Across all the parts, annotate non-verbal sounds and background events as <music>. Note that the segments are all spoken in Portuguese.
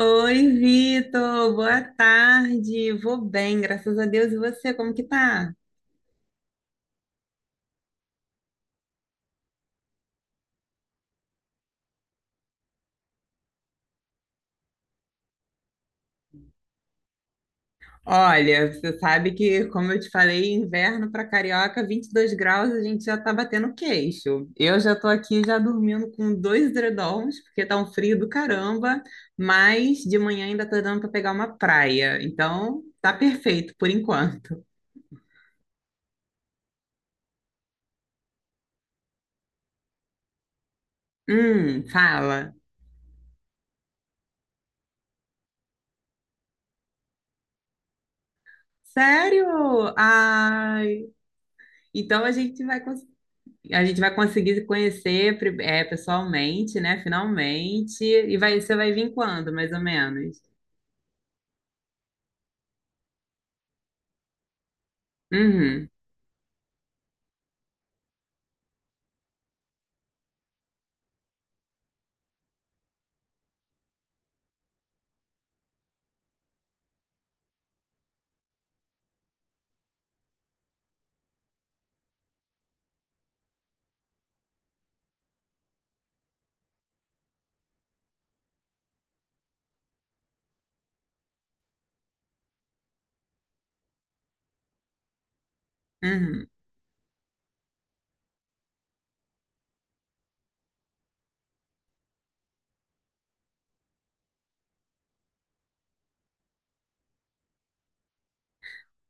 Oi, Vitor, boa tarde. Vou bem, graças a Deus. E você, como que tá? Olha, você sabe que, como eu te falei, inverno para carioca, 22 graus, a gente já tá batendo queixo. Eu já tô aqui já dormindo com dois edredons, porque tá um frio do caramba, mas de manhã ainda tá dando para pegar uma praia. Então, tá perfeito por enquanto. Fala. Sério? Ai, então a gente vai conseguir se conhecer pessoalmente, né? Finalmente. E vai, você vai vir quando, mais ou menos? Uhum, uhum.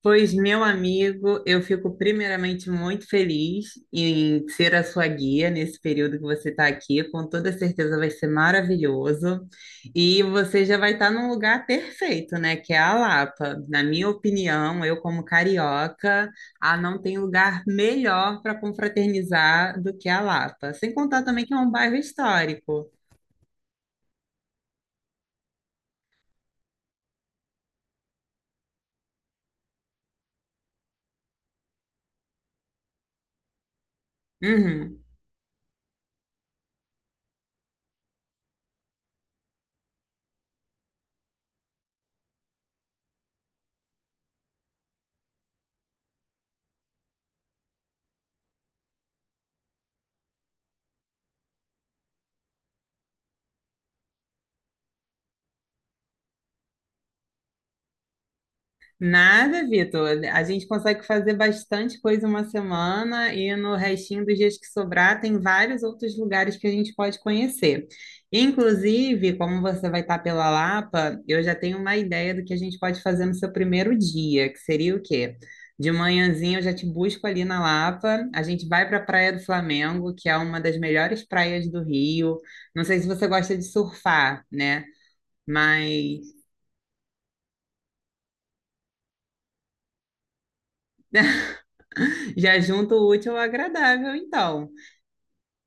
Pois, meu amigo, eu fico primeiramente muito feliz em ser a sua guia nesse período que você está aqui. Com toda certeza vai ser maravilhoso. E você já vai estar num lugar perfeito, né? Que é a Lapa. Na minha opinião, eu como carioca, ah, não tem lugar melhor para confraternizar do que a Lapa. Sem contar também que é um bairro histórico. Uhum. Nada, Vitor. A gente consegue fazer bastante coisa uma semana e no restinho dos dias que sobrar tem vários outros lugares que a gente pode conhecer. Inclusive, como você vai estar pela Lapa, eu já tenho uma ideia do que a gente pode fazer no seu primeiro dia, que seria o quê? De manhãzinha eu já te busco ali na Lapa, a gente vai para a Praia do Flamengo, que é uma das melhores praias do Rio. Não sei se você gosta de surfar, né? Mas já junto o útil ao agradável, então.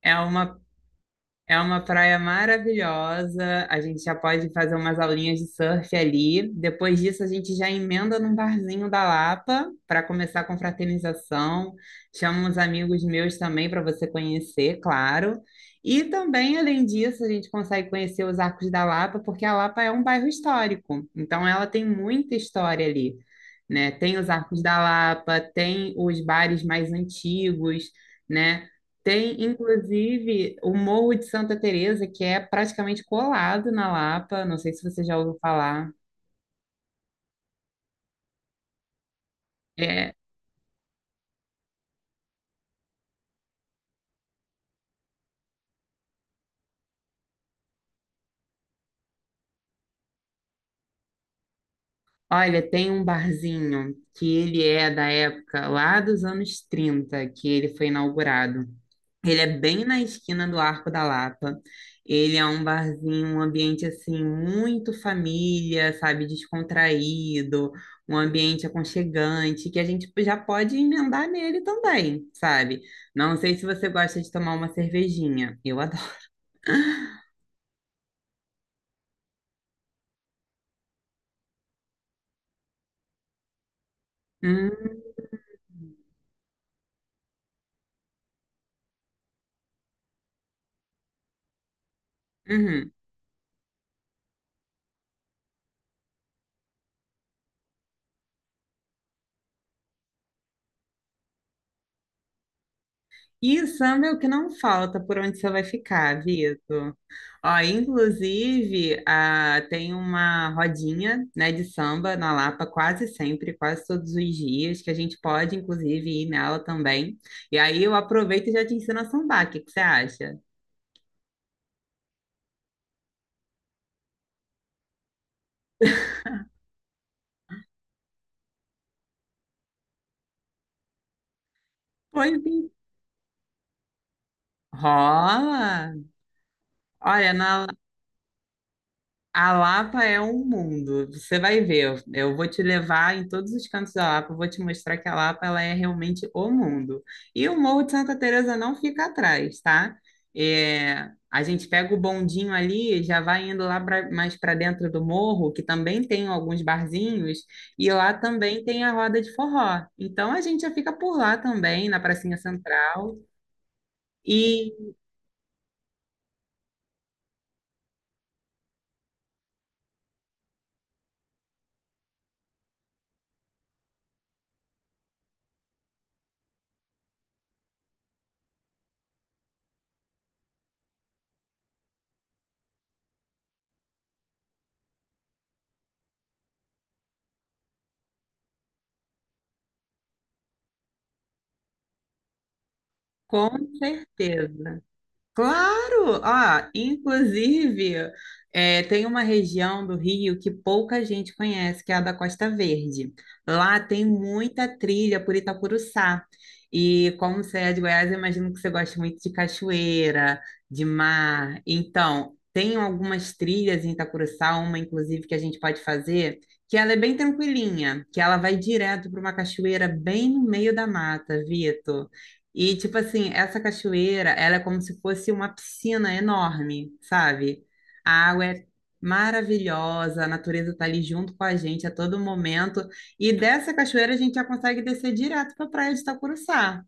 É uma, é uma praia maravilhosa. A gente já pode fazer umas aulinhas de surf ali. Depois disso, a gente já emenda num barzinho da Lapa para começar com fraternização. Chama uns amigos meus também para você conhecer, claro. E também, além disso, a gente consegue conhecer os Arcos da Lapa, porque a Lapa é um bairro histórico. Então, ela tem muita história ali, né? Tem os Arcos da Lapa, tem os bares mais antigos, né? Tem, inclusive, o Morro de Santa Teresa, que é praticamente colado na Lapa. Não sei se você já ouviu falar. É, olha, tem um barzinho que ele é da época lá dos anos 30 que ele foi inaugurado. Ele é bem na esquina do Arco da Lapa. Ele é um barzinho, um ambiente assim muito família, sabe, descontraído, um ambiente aconchegante que a gente já pode emendar nele também, sabe? Não sei se você gosta de tomar uma cervejinha. Eu adoro. Hum, uhum. E samba é o que não falta por onde você vai ficar, Vitor. Ó, inclusive, ah, tem uma rodinha, né, de samba na Lapa quase sempre, quase todos os dias, que a gente pode, inclusive, ir nela também. E aí eu aproveito e já te ensino a sambar. O que que você acha? Pois bem. Rola! Olha, na A Lapa é um mundo, você vai ver. Eu vou te levar em todos os cantos da Lapa, eu vou te mostrar que a Lapa ela é realmente o mundo. E o Morro de Santa Teresa não fica atrás, tá? É, a gente pega o bondinho ali, já vai indo mais para dentro do morro, que também tem alguns barzinhos, e lá também tem a roda de forró. Então a gente já fica por lá também, na Pracinha Central, e com certeza. Claro! Ah, inclusive, é, tem uma região do Rio que pouca gente conhece, que é a da Costa Verde. Lá tem muita trilha por Itacuruçá. E como você é de Goiás, eu imagino que você gosta muito de cachoeira, de mar. Então, tem algumas trilhas em Itacuruçá, uma inclusive que a gente pode fazer, que ela é bem tranquilinha, que ela vai direto para uma cachoeira bem no meio da mata, Vitor. E, tipo assim, essa cachoeira, ela é como se fosse uma piscina enorme, sabe? A água é maravilhosa, a natureza tá ali junto com a gente a todo momento. E dessa cachoeira a gente já consegue descer direto para a praia de Itacuruçá.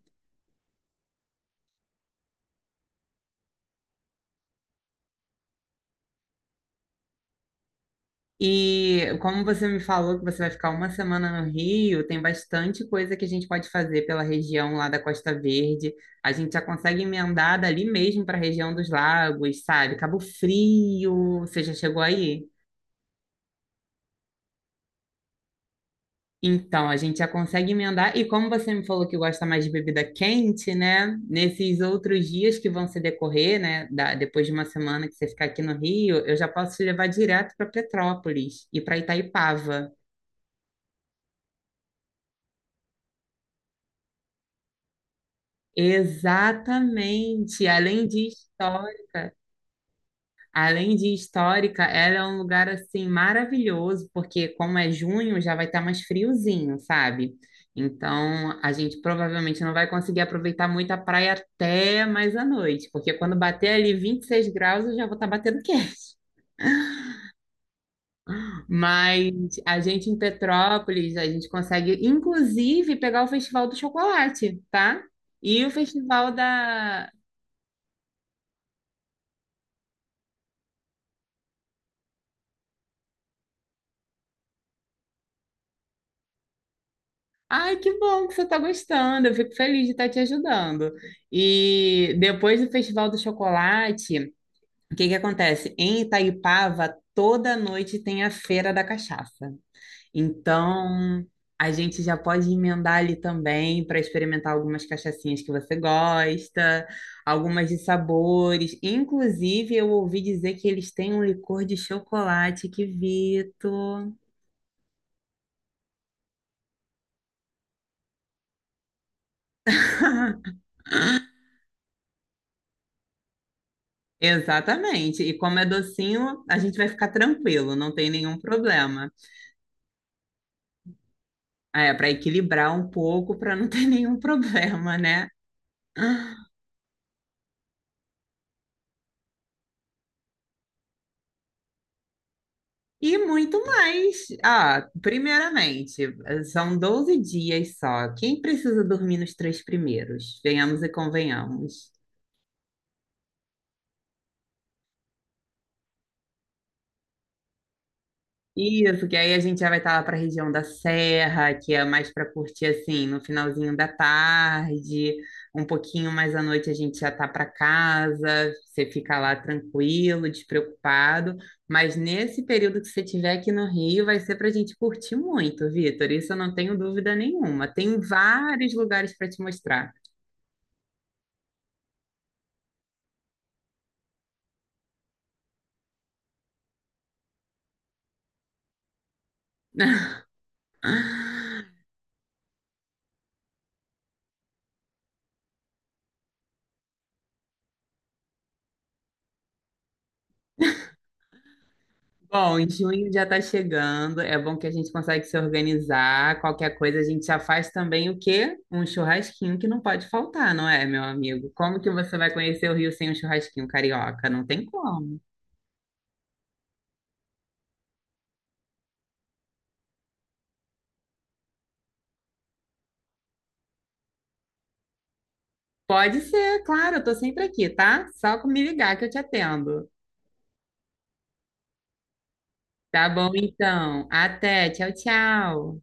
E como você me falou que você vai ficar uma semana no Rio, tem bastante coisa que a gente pode fazer pela região lá da Costa Verde. A gente já consegue emendar dali mesmo para a região dos lagos, sabe? Cabo Frio, você já chegou aí? Então, a gente já consegue emendar. E como você me falou que gosta mais de bebida quente, né? Nesses outros dias que vão se decorrer, né? Depois de uma semana que você ficar aqui no Rio, eu já posso te levar direto para Petrópolis e para Itaipava. Exatamente. Além de histórica. Além de histórica, ela é um lugar assim maravilhoso, porque como é junho, já vai estar mais friozinho, sabe? Então, a gente provavelmente não vai conseguir aproveitar muito a praia até mais à noite, porque quando bater ali 26 graus, eu já vou estar batendo <laughs> queixo. Mas a gente em Petrópolis, a gente consegue inclusive pegar o Festival do Chocolate, tá? E o Festival da, Ai, que bom que você está gostando. Eu fico feliz de estar te ajudando. E depois do Festival do Chocolate, o que que acontece? Em Itaipava, toda noite tem a Feira da Cachaça. Então, a gente já pode emendar ali também para experimentar algumas cachaçinhas que você gosta, algumas de sabores. Inclusive, eu ouvi dizer que eles têm um licor de chocolate, que Vito. Exatamente. E como é docinho, a gente vai ficar tranquilo, não tem nenhum problema. Ah, é para equilibrar um pouco, para não ter <laughs> nenhum problema, né? E muito mais. Ah, primeiramente, são 12 dias só. Quem precisa dormir nos três primeiros? Venhamos e convenhamos. Isso, que aí a gente já vai estar lá para a região da Serra, que é mais para curtir assim, no finalzinho da tarde, um pouquinho mais à noite a gente já tá para casa, você fica lá tranquilo, despreocupado, mas nesse período que você tiver aqui no Rio vai ser para a gente curtir muito, Vitor, isso eu não tenho dúvida nenhuma. Tem vários lugares para te mostrar. <laughs> Bom, junho já está chegando. É bom que a gente consegue se organizar. Qualquer coisa a gente já faz também o quê? Um churrasquinho que não pode faltar, não é, meu amigo? Como que você vai conhecer o Rio sem um churrasquinho carioca? Não tem como. Pode ser, claro, eu tô sempre aqui, tá? Só me ligar que eu te atendo. Tá bom, então. Até. Tchau, tchau.